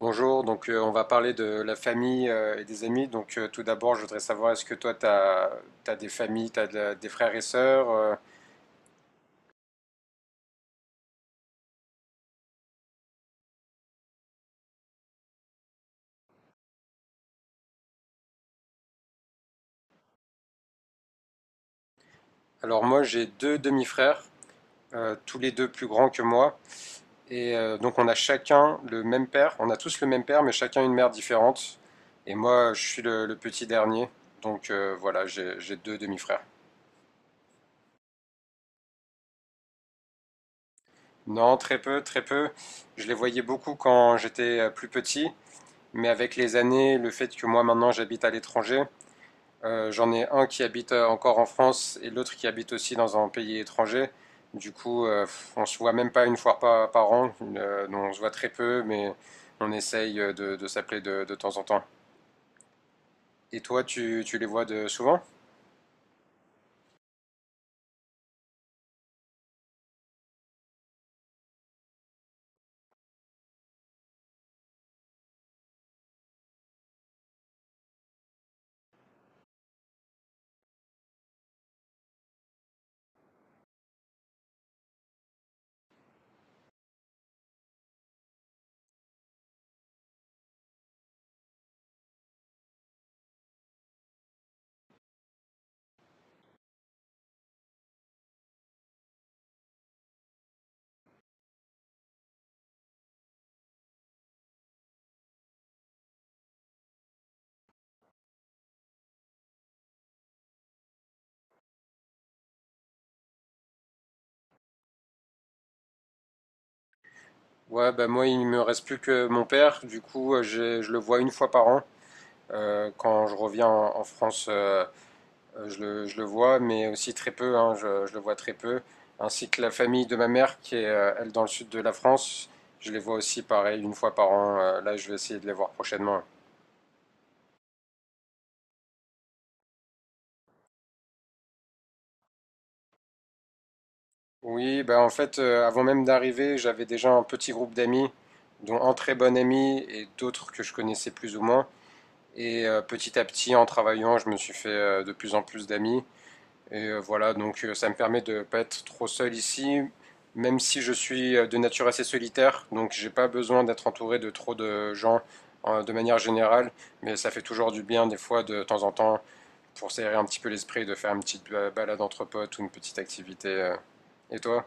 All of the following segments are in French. Bonjour, donc on va parler de la famille et des amis. Donc tout d'abord, je voudrais savoir, est-ce que toi, t'as des familles, tu as des frères et sœurs. Alors moi, j'ai deux demi-frères, tous les deux plus grands que moi. Et donc on a chacun le même père, on a tous le même père, mais chacun une mère différente. Et moi, je suis le petit dernier. Donc voilà, j'ai deux demi-frères. Non, très peu, très peu. Je les voyais beaucoup quand j'étais plus petit. Mais avec les années, le fait que moi maintenant j'habite à l'étranger, j'en ai un qui habite encore en France et l'autre qui habite aussi dans un pays étranger. Du coup, on se voit même pas une fois par an. On se voit très peu, mais on essaye de s'appeler de temps en temps. Et toi, tu les vois de souvent? Ouais, bah moi, il me reste plus que mon père. Du coup, je le vois une fois par an. Quand je reviens en, en France, je le vois, mais aussi très peu, hein, je le vois très peu. Ainsi que la famille de ma mère, qui est, elle, dans le sud de la France. Je les vois aussi, pareil, une fois par an. Là, je vais essayer de les voir prochainement. Oui, bah, en fait, avant même d'arriver, j'avais déjà un petit groupe d'amis, dont un très bon ami et d'autres que je connaissais plus ou moins. Et petit à petit, en travaillant, je me suis fait de plus en plus d'amis. Et voilà, donc ça me permet de ne pas être trop seul ici, même si je suis de nature assez solitaire, donc j'ai pas besoin d'être entouré de trop de gens de manière générale, mais ça fait toujours du bien des fois de temps en temps pour s'aérer un petit peu l'esprit, de faire une petite balade entre potes ou une petite activité. Et toi?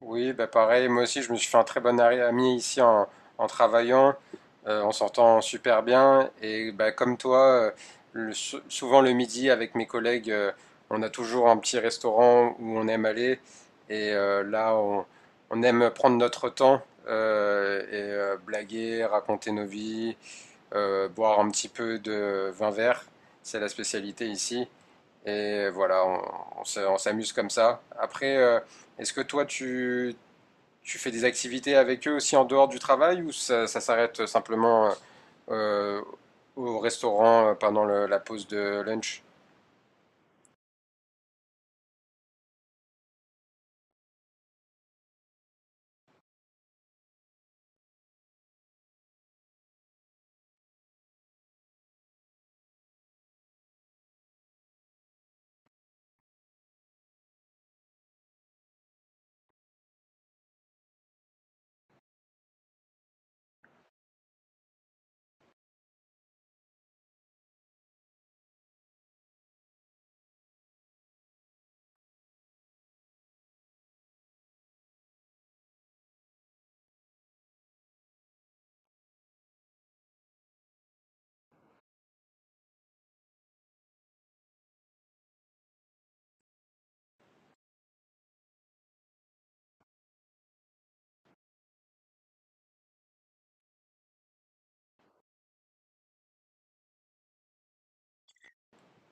Oui, bah pareil, moi aussi je me suis fait un très bon ami ici en, en travaillant, en sortant super bien. Et bah, comme toi, euh, souvent le midi avec mes collègues, on a toujours un petit restaurant où on aime aller. Et là, on aime prendre notre temps et blaguer, raconter nos vies, boire un petit peu de vin vert. C'est la spécialité ici. Et voilà, on s'amuse comme ça. Après, est-ce que toi, tu fais des activités avec eux aussi en dehors du travail ou ça s'arrête simplement euh, au restaurant pendant la pause de lunch?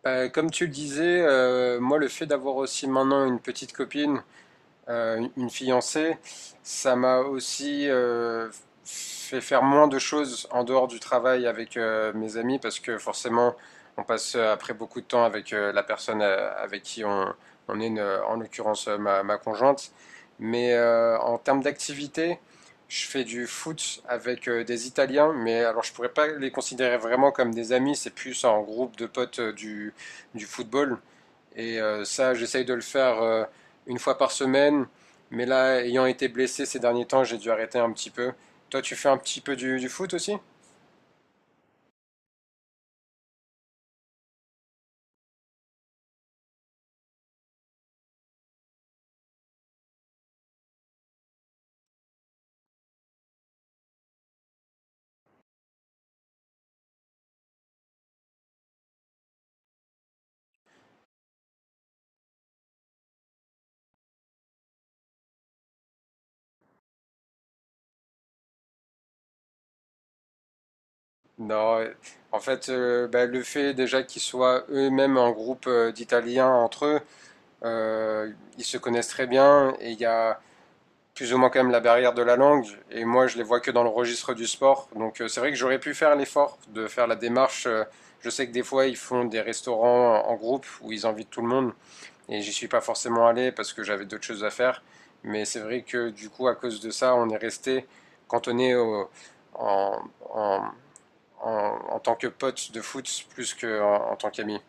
Comme tu le disais, moi le fait d'avoir aussi maintenant une petite copine une fiancée, ça m'a aussi fait faire moins de choses en dehors du travail avec mes amis parce que forcément, on passe après beaucoup de temps avec la personne avec qui on est, en l'occurrence ma conjointe. Mais en termes d'activité, je fais du foot avec des Italiens, mais alors je pourrais pas les considérer vraiment comme des amis, c'est plus en groupe de potes du football. Et ça, j'essaye de le faire une fois par semaine. Mais là, ayant été blessé ces derniers temps, j'ai dû arrêter un petit peu. Toi, tu fais un petit peu du foot aussi? Non, en fait, bah, le fait déjà qu'ils soient eux-mêmes un groupe d'Italiens entre eux, euh, ils se connaissent très bien et il y a plus ou moins quand même la barrière de la langue. Et moi, je les vois que dans le registre du sport. Donc, c'est vrai que j'aurais pu faire l'effort de faire la démarche. Je sais que des fois, ils font des restaurants en groupe où ils invitent tout le monde. Et j'y suis pas forcément allé parce que j'avais d'autres choses à faire. Mais c'est vrai que du coup, à cause de ça, on est resté cantonné en, en- en tant que pote de foot plus qu'en en tant qu'ami.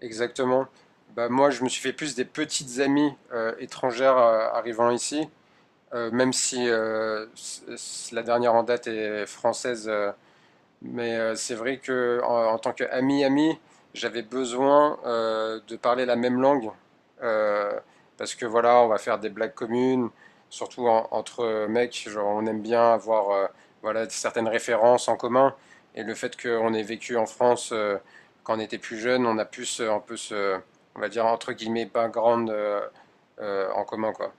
Exactement. Bah, moi, je me suis fait plus des petites amies étrangères arrivant ici, même si la dernière en date est française, mais c'est vrai que en, en tant qu'ami-ami, j'avais besoin de parler la même langue. euh, Parce que voilà, on va faire des blagues communes, surtout entre mecs, genre, on aime bien avoir voilà, certaines références en commun. Et le fait qu'on ait vécu en France quand on était plus jeune, on a pu se, un peu se, on va dire, entre guillemets, background en commun, quoi.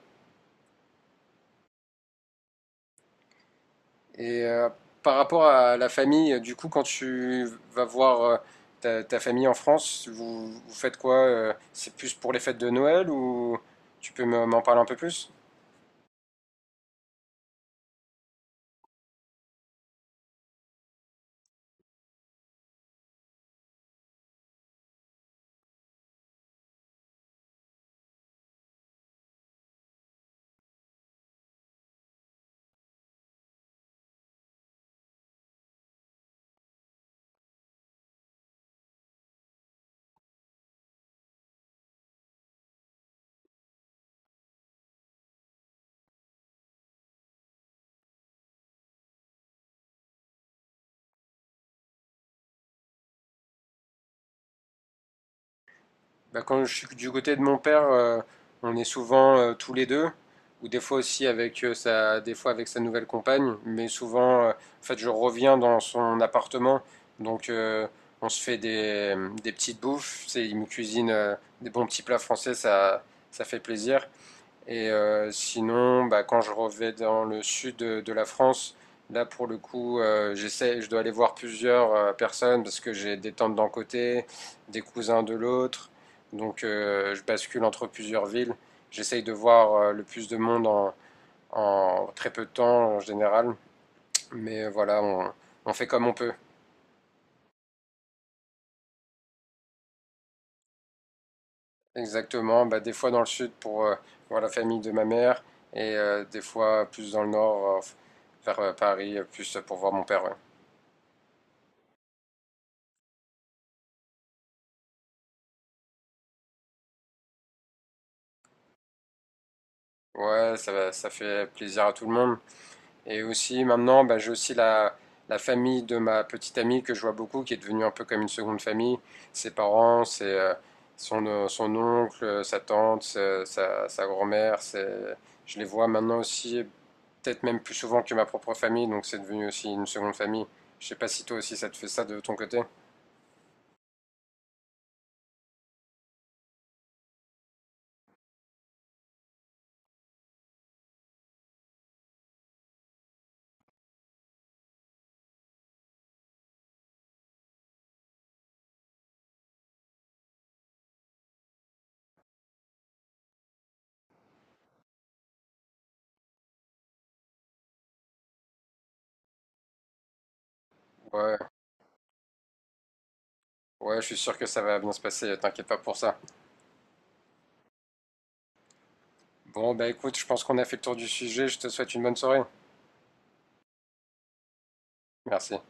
Et par rapport à la famille, du coup, quand tu vas voir ta famille en France, vous faites quoi? C'est plus pour les fêtes de Noël ou tu peux m'en parler un peu plus? Bah, quand je suis du côté de mon père, on est souvent tous les deux, ou des fois aussi avec des fois avec sa nouvelle compagne, mais souvent, en fait, je reviens dans son appartement, donc on se fait des petites bouffes. C'est, il me cuisine des bons petits plats français, ça fait plaisir. Et sinon, bah, quand je reviens dans le sud de la France, là pour le coup, j'essaie, je dois aller voir plusieurs personnes parce que j'ai des tantes d'un côté, des cousins de l'autre. Donc je bascule entre plusieurs villes. J'essaye de voir le plus de monde en très peu de temps en général. Mais voilà, on fait comme on peut. Exactement. Bah, des fois dans le sud pour voir la famille de ma mère et des fois plus dans le nord vers Paris, plus pour voir mon père. Ouais. Ouais, ça fait plaisir à tout le monde. Et aussi, maintenant, bah, j'ai aussi la famille de ma petite amie que je vois beaucoup, qui est devenue un peu comme une seconde famille. Ses parents, son oncle, sa tante, sa grand-mère. Je les vois maintenant aussi, peut-être même plus souvent que ma propre famille, donc c'est devenu aussi une seconde famille. Je sais pas si toi aussi ça te fait ça de ton côté. Ouais, ouais, je suis sûr que ça va bien se passer, t'inquiète pas pour ça. Bon, bah écoute, je pense qu'on a fait le tour du sujet, je te souhaite une bonne soirée. Merci.